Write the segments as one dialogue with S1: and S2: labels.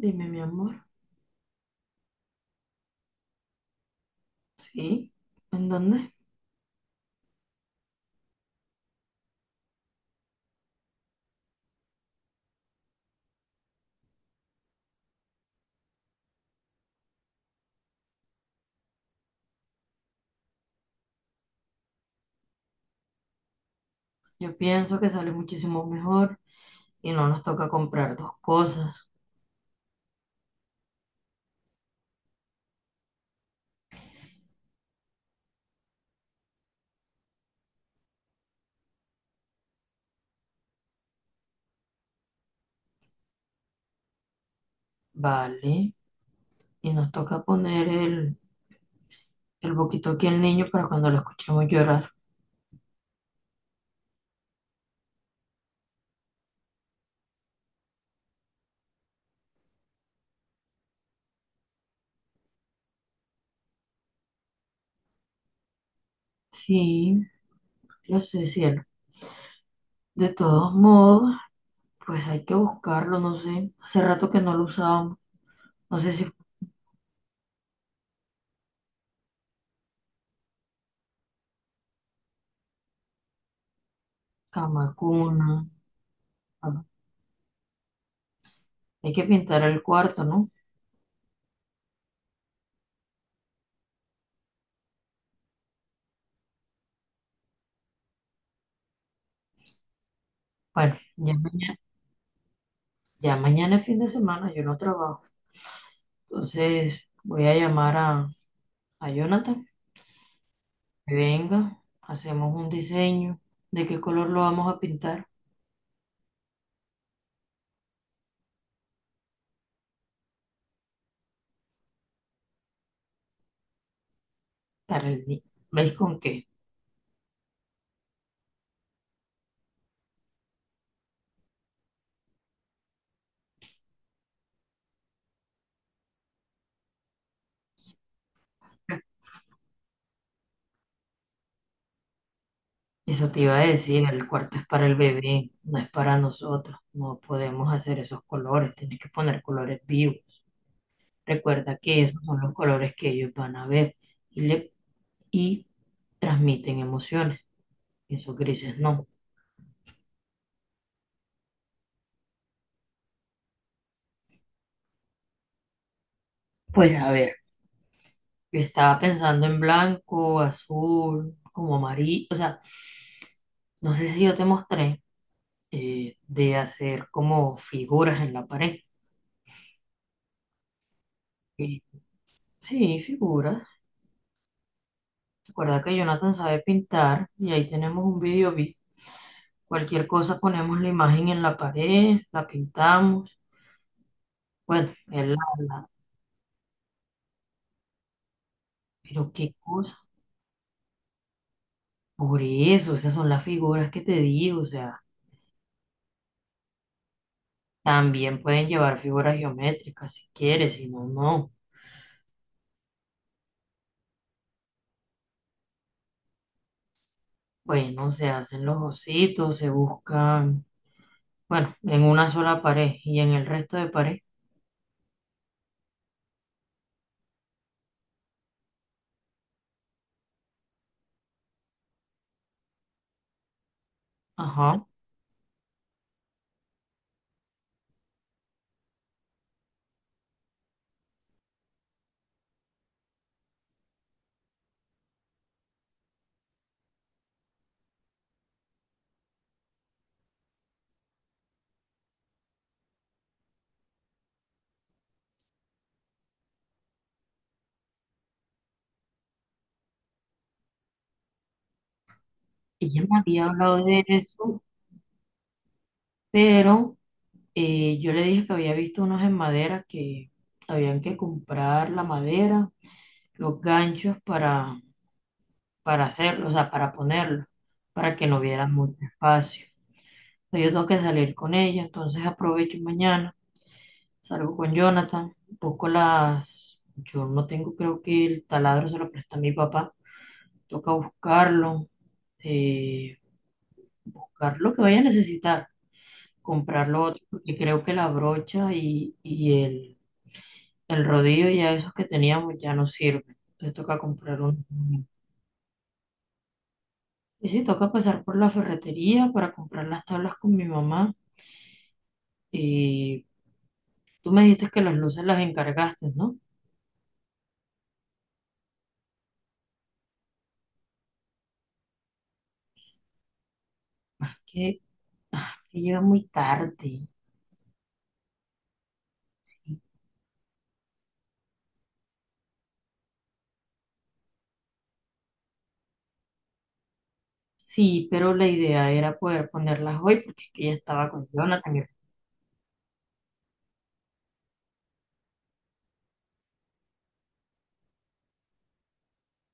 S1: Dime, mi amor. ¿Sí? ¿En dónde? Yo pienso que sale muchísimo mejor y no nos toca comprar dos cosas, ¿vale? Y nos toca poner el boquito aquí al niño para cuando lo escuchemos llorar. Sí, lo sé, cielo. De todos modos, pues hay que buscarlo, no sé. Hace rato que no lo usábamos. No sé si fue cama, cuna. ah, Hay que pintar el cuarto, ¿no? Bueno, ya mañana es fin de semana, yo no trabajo. Entonces voy a llamar a Jonathan, que venga, hacemos un diseño de qué color lo vamos a pintar para el niño. ¿Veis con qué? Eso te iba a decir, el cuarto es para el bebé, no es para nosotros. No podemos hacer esos colores, tienes que poner colores vivos. Recuerda que esos son los colores que ellos van a ver y, le, y transmiten emociones. Esos grises no. Pues a ver, yo estaba pensando en blanco, azul, como amarillo. O sea, no sé si yo te mostré. De hacer como figuras en la pared. Y, sí, figuras. Recuerda que Jonathan sabe pintar y ahí tenemos un cualquier cosa ponemos la imagen en la pared, la pintamos. Bueno, la- pero qué cosa. Por eso, esas son las figuras que te digo. O sea, también pueden llevar figuras geométricas si quieres, si no, no. Bueno, se hacen los ositos, se buscan, bueno, en una sola pared y en el resto de pared. Ajá. Ella me había hablado de eso, pero yo le dije que había visto unos en madera que habían que comprar la madera, los ganchos para hacerlo, o sea, para ponerlo, para que no hubiera mucho espacio. Entonces, yo tengo que salir con ella, entonces aprovecho mañana, salgo con Jonathan, busco las... Yo no tengo, creo que el taladro se lo presta a mi papá, toca buscarlo, eh, buscar lo que vaya a necesitar, comprar lo otro, porque creo que la brocha y el rodillo, ya esos que teníamos ya no sirven. Entonces toca comprar uno nuevo. Y sí, toca pasar por la ferretería para comprar las tablas con mi mamá. Y tú me dijiste que las luces las encargaste, ¿no? Ah, que, ah, que llega muy tarde. Sí. Sí, pero la idea era poder ponerlas hoy porque es que ella estaba con Jonathan.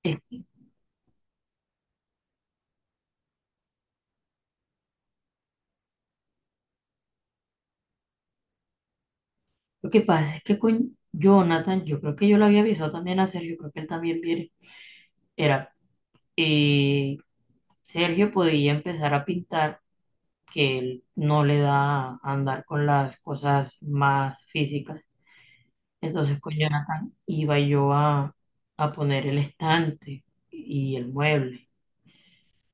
S1: Es- lo que pasa es que con Jonathan, yo creo que yo le había avisado también a Sergio, creo que él también viene. Era eh, Sergio podía empezar a pintar, que él no le da andar con las cosas más físicas. Entonces con Jonathan iba yo a poner el estante y el mueble.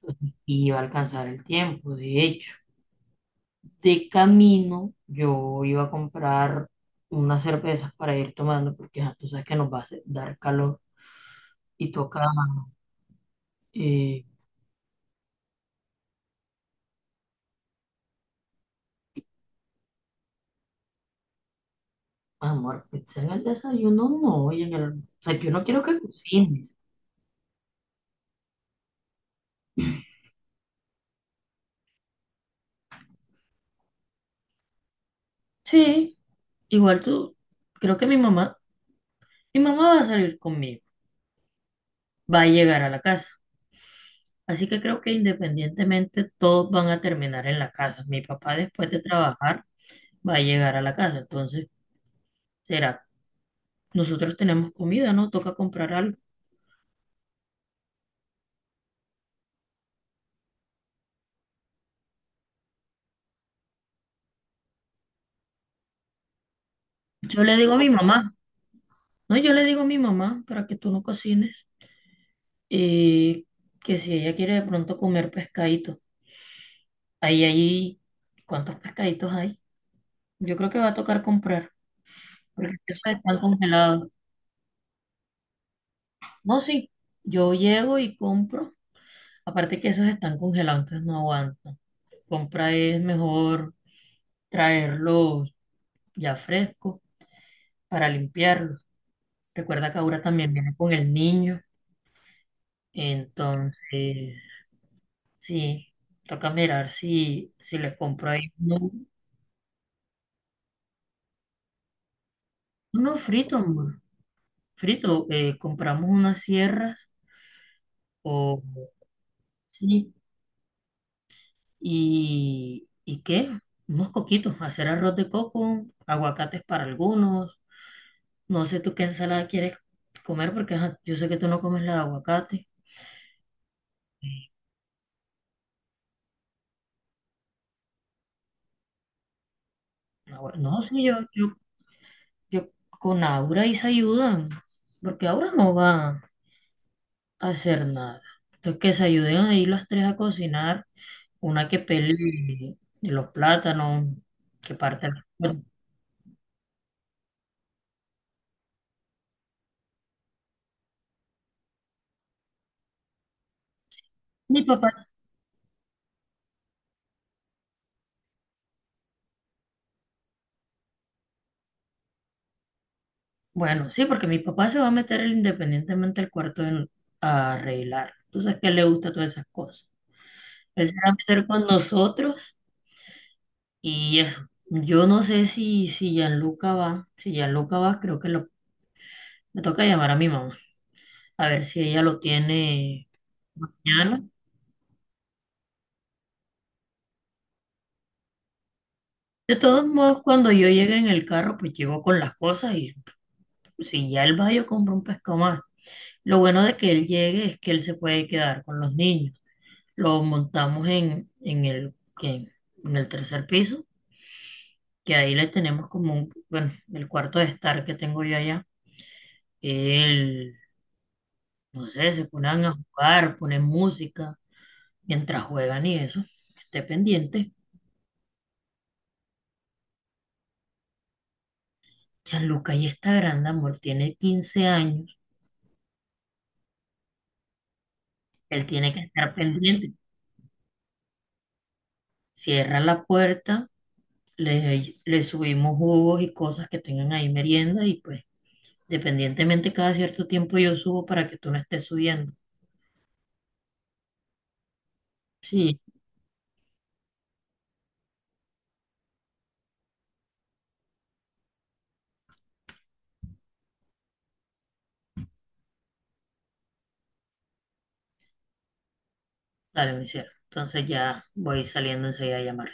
S1: Entonces iba a alcanzar el tiempo, de hecho. De camino yo iba a comprar unas cervezas para ir tomando, porque ya tú sabes que nos va a dar calor y toca eh, amor, pizza en el desayuno no, y en el, o sea, yo no quiero que cocines. Sí, igual tú, creo que mi mamá va a salir conmigo, va a llegar a la casa. Así que creo que independientemente todos van a terminar en la casa. Mi papá después de trabajar va a llegar a la casa. Entonces, será, nosotros tenemos comida, ¿no? Toca comprar algo. Yo le digo a mi mamá, no, yo le digo a mi mamá para que tú no cocines y que si ella quiere de pronto comer pescadito, ahí, ahí, ¿cuántos pescaditos hay? Yo creo que va a tocar comprar, porque eso están congelados. No, sí, yo llego y compro. Aparte que esos están congelados, entonces no aguanto. Compra es mejor traerlos ya frescos para limpiarlos. Recuerda que ahora también viene con el niño, entonces sí, toca mirar si, si les compro ahí uno, uno frito, amor. Frito, compramos unas sierras o sí, ¿y qué? Unos coquitos, hacer arroz de coco, aguacates para algunos. No sé tú qué ensalada quieres comer porque ajá, yo sé que tú no comes la de aguacate. No, sí, yo con Aura y se ayudan, porque Aura no va a hacer nada. Entonces que se ayuden ahí las tres a cocinar, una que pele los plátanos, que parte. Bueno, mi papá, bueno, sí, porque mi papá se va a meter él independientemente al cuarto a arreglar. Entonces, que le gusta todas esas cosas. Él se va a meter con nosotros. Y eso, yo no sé si Gianluca va, si Gianluca va, creo que lo, me toca llamar a mi mamá, a ver si ella lo tiene mañana. De todos modos, cuando yo llegue en el carro, pues llego con las cosas y si ya él va, yo compro un pescado más. Lo bueno de que él llegue es que él se puede quedar con los niños. Lo montamos en en el tercer piso, que ahí le tenemos como un, bueno, el cuarto de estar que tengo yo allá. Él no sé, se ponen a jugar, ponen música mientras juegan y eso. Esté pendiente. Gianluca ya está grande, amor, tiene 15 años. Él tiene que estar pendiente. Cierra la puerta, le subimos jugos y cosas que tengan ahí merienda y pues, dependientemente cada cierto tiempo yo subo para que tú no estés subiendo. Sí, dale, mi cielo. Entonces ya voy saliendo enseguida a llamar.